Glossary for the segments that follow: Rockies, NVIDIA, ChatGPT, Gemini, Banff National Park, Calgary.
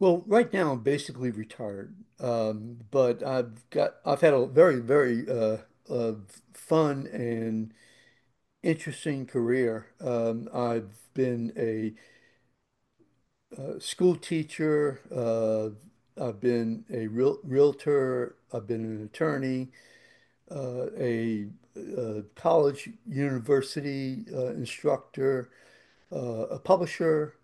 Well, right now I'm basically retired, but I've had a very uh, fun and interesting career. I've been a school teacher. I've been a realtor. I've been an attorney, a college university instructor, a publisher.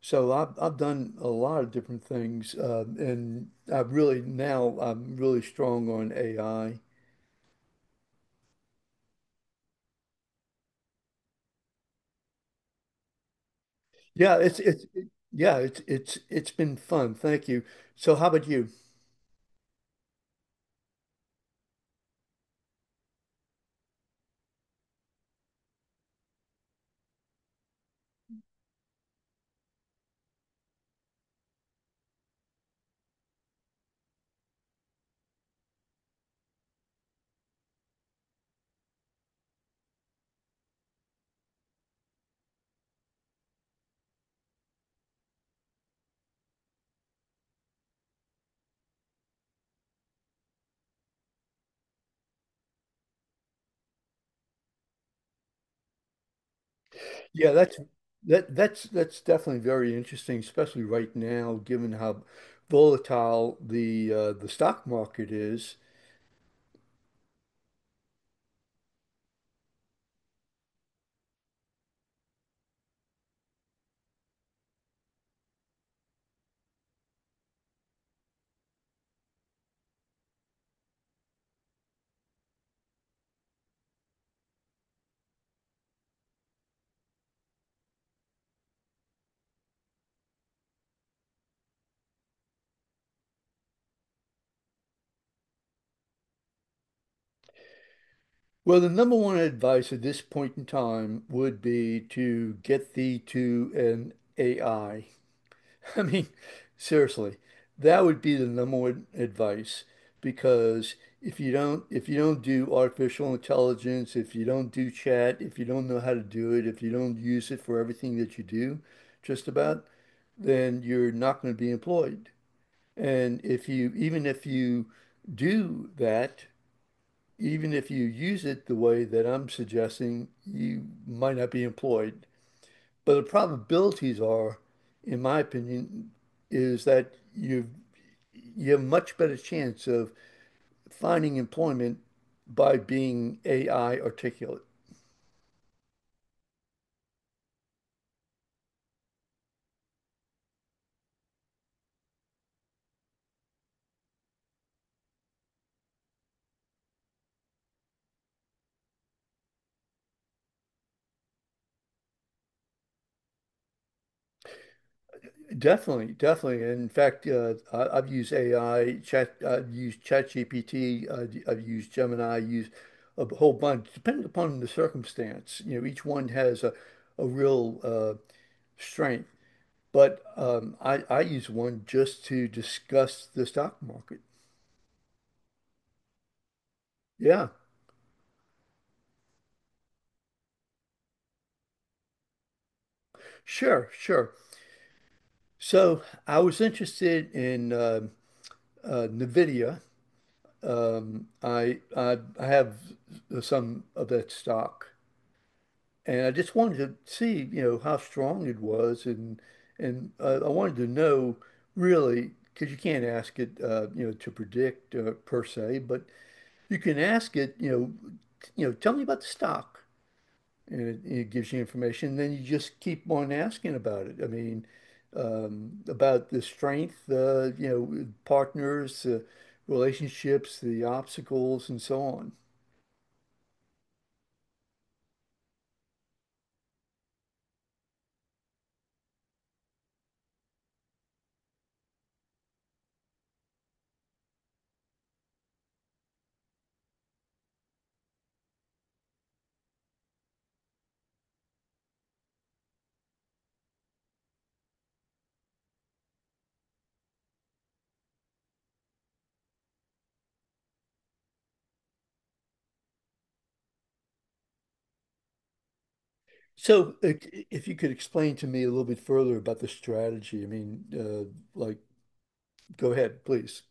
So I've done a lot of different things, and I really now I'm really strong on AI. Yeah, it's been fun. Thank you. So how about you? Yeah, that's that that's definitely very interesting, especially right now, given how volatile the stock market is. Well, the number one advice at this point in time would be to get thee to an AI. I mean, seriously, that would be the number one advice because if you don't do artificial intelligence, if you don't do chat, if you don't know how to do it, if you don't use it for everything that you do, just about, then you're not going to be employed. And if you even if you do that, even if you use it the way that I'm suggesting, you might not be employed. But the probabilities are, in my opinion, is that you have a much better chance of finding employment by being AI articulate. Definitely, definitely. In fact, I've used AI, chat, I've used ChatGPT, I've used Gemini, I use a whole bunch, depending upon the circumstance. You know, each one has a real strength. But I use one just to discuss the stock market. Yeah. Sure, sure. So I was interested in NVIDIA. I have some of that stock, and I just wanted to see, you know, how strong it was, and I wanted to know really, because you can't ask it, you know, to predict per se, but you can ask it, you know, you know, tell me about the stock. And it gives you information. And then you just keep on asking about it. I mean, about the strength, you know, partners, relationships, the obstacles, and so on. So, if you could explain to me a little bit further about the strategy, I mean, like, go ahead, please.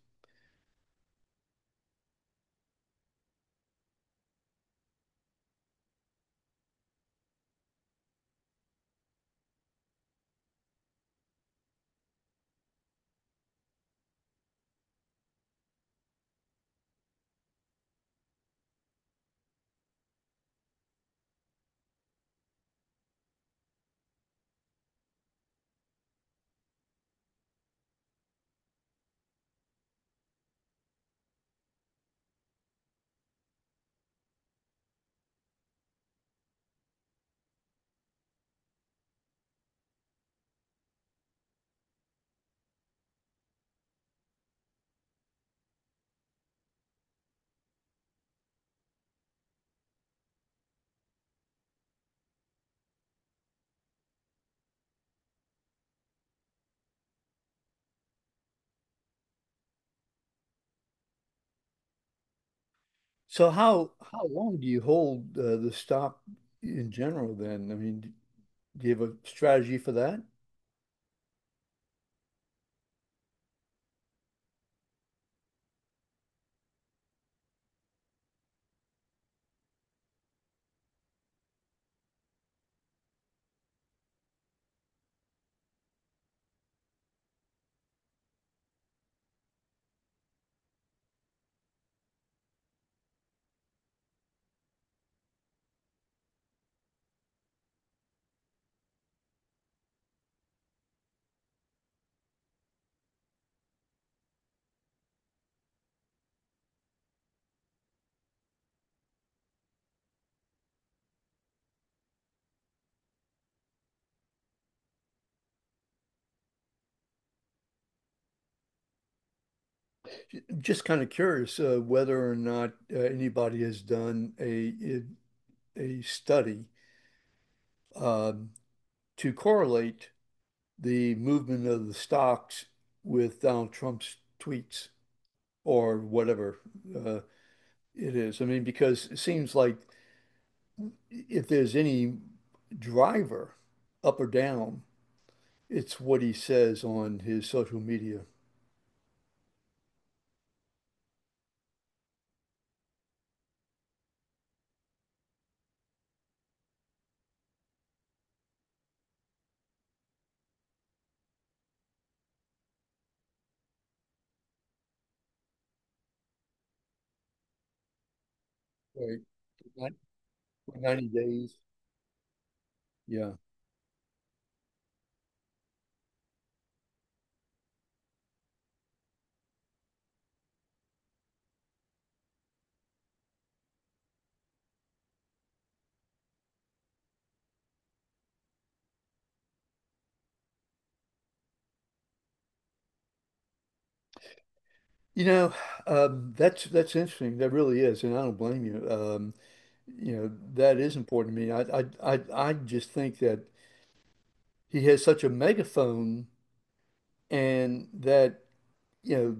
So, how long do you hold the stock in general then? I mean, do you have a strategy for that? Just kind of curious whether or not anybody has done a study um, to correlate the movement of the stocks with Donald Trump's tweets or whatever uh, it is. I mean, because it seems like if there's any driver up or down, it's what he says on his social media. Right. Nin- 90 days. Yeah. You know, that's interesting. That really is, and I don't blame you. You know, that is important to me. I I just think that he has such a megaphone, and that you know,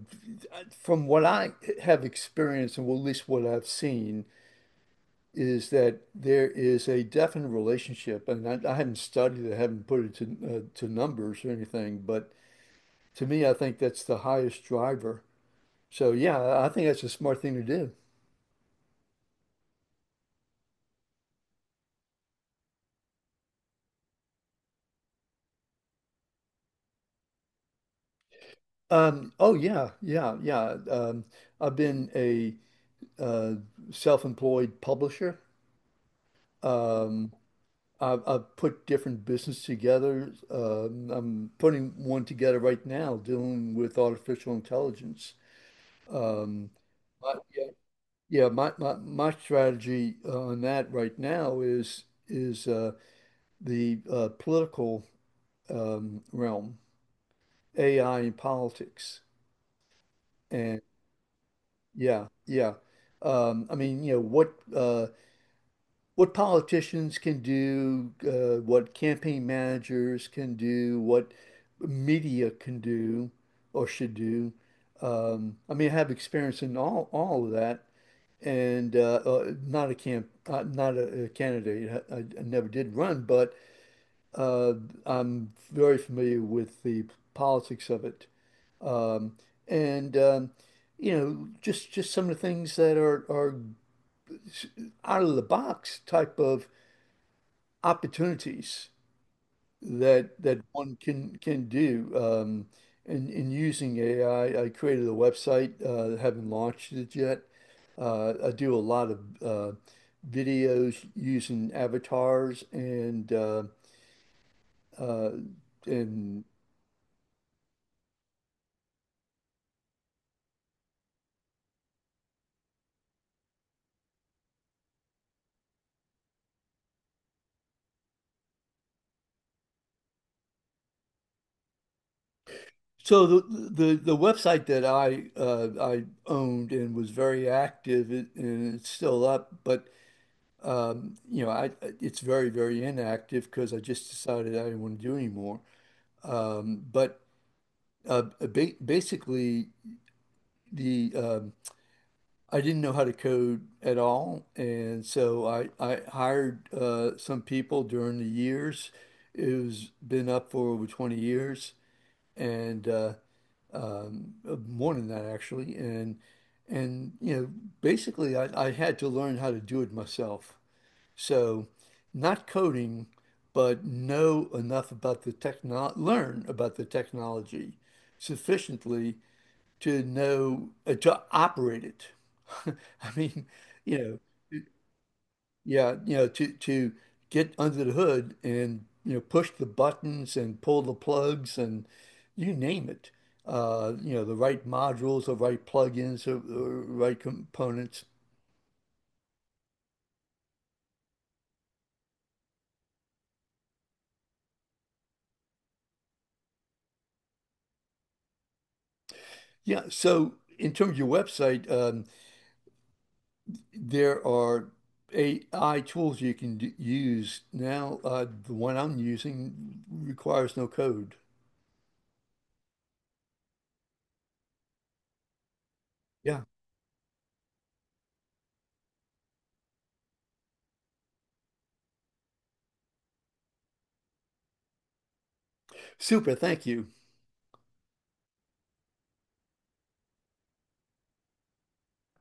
from what I have experienced, and well, at least what I've seen, is that there is a definite relationship, and I haven't studied it, I haven't put it to numbers or anything, but to me, I think that's the highest driver. So yeah, I think that's a smart thing to do. Oh yeah, yeah, yeah. Um, I've been a uh, self-employed publisher. Um, I've put different business together. I'm putting one together right now dealing with artificial intelligence. Um, but yeah, yeah, my strategy on that right now is the political realm, AI and politics. Yeah, yeah. I mean, you know, what politicians can do, what campaign managers can do, what media can do or should do. I mean, I have experience in all of that, and not a candidate. I never did run, but uh, I'm very familiar with the politics of it. Um, and you know, just some of the things that are out of the box type of opportunities that one can do. In using AI, I created a website, haven't launched it yet. I do a lot of videos using avatars uh, and so the website that I owned and was very active it, and it's still up, but you know I it's very very inactive because I just decided I didn't want to do anymore. But ba basically the I didn't know how to code at all, and so I hired some people during the years. It was been up for over 20 years, and more than that actually, and you know basically I had to learn how to do it myself. So not coding, but know enough about the techno learn about the technology sufficiently to know to operate it. I mean, you know. Yeah, you know, to get under the hood and you know push the buttons and pull the plugs and you name it. You know, the right modules, the right plugins, the right components. Yeah. So in terms of your website, there are AI tools you can d use now. The one I'm using requires no code. Yeah. Super. Thank you.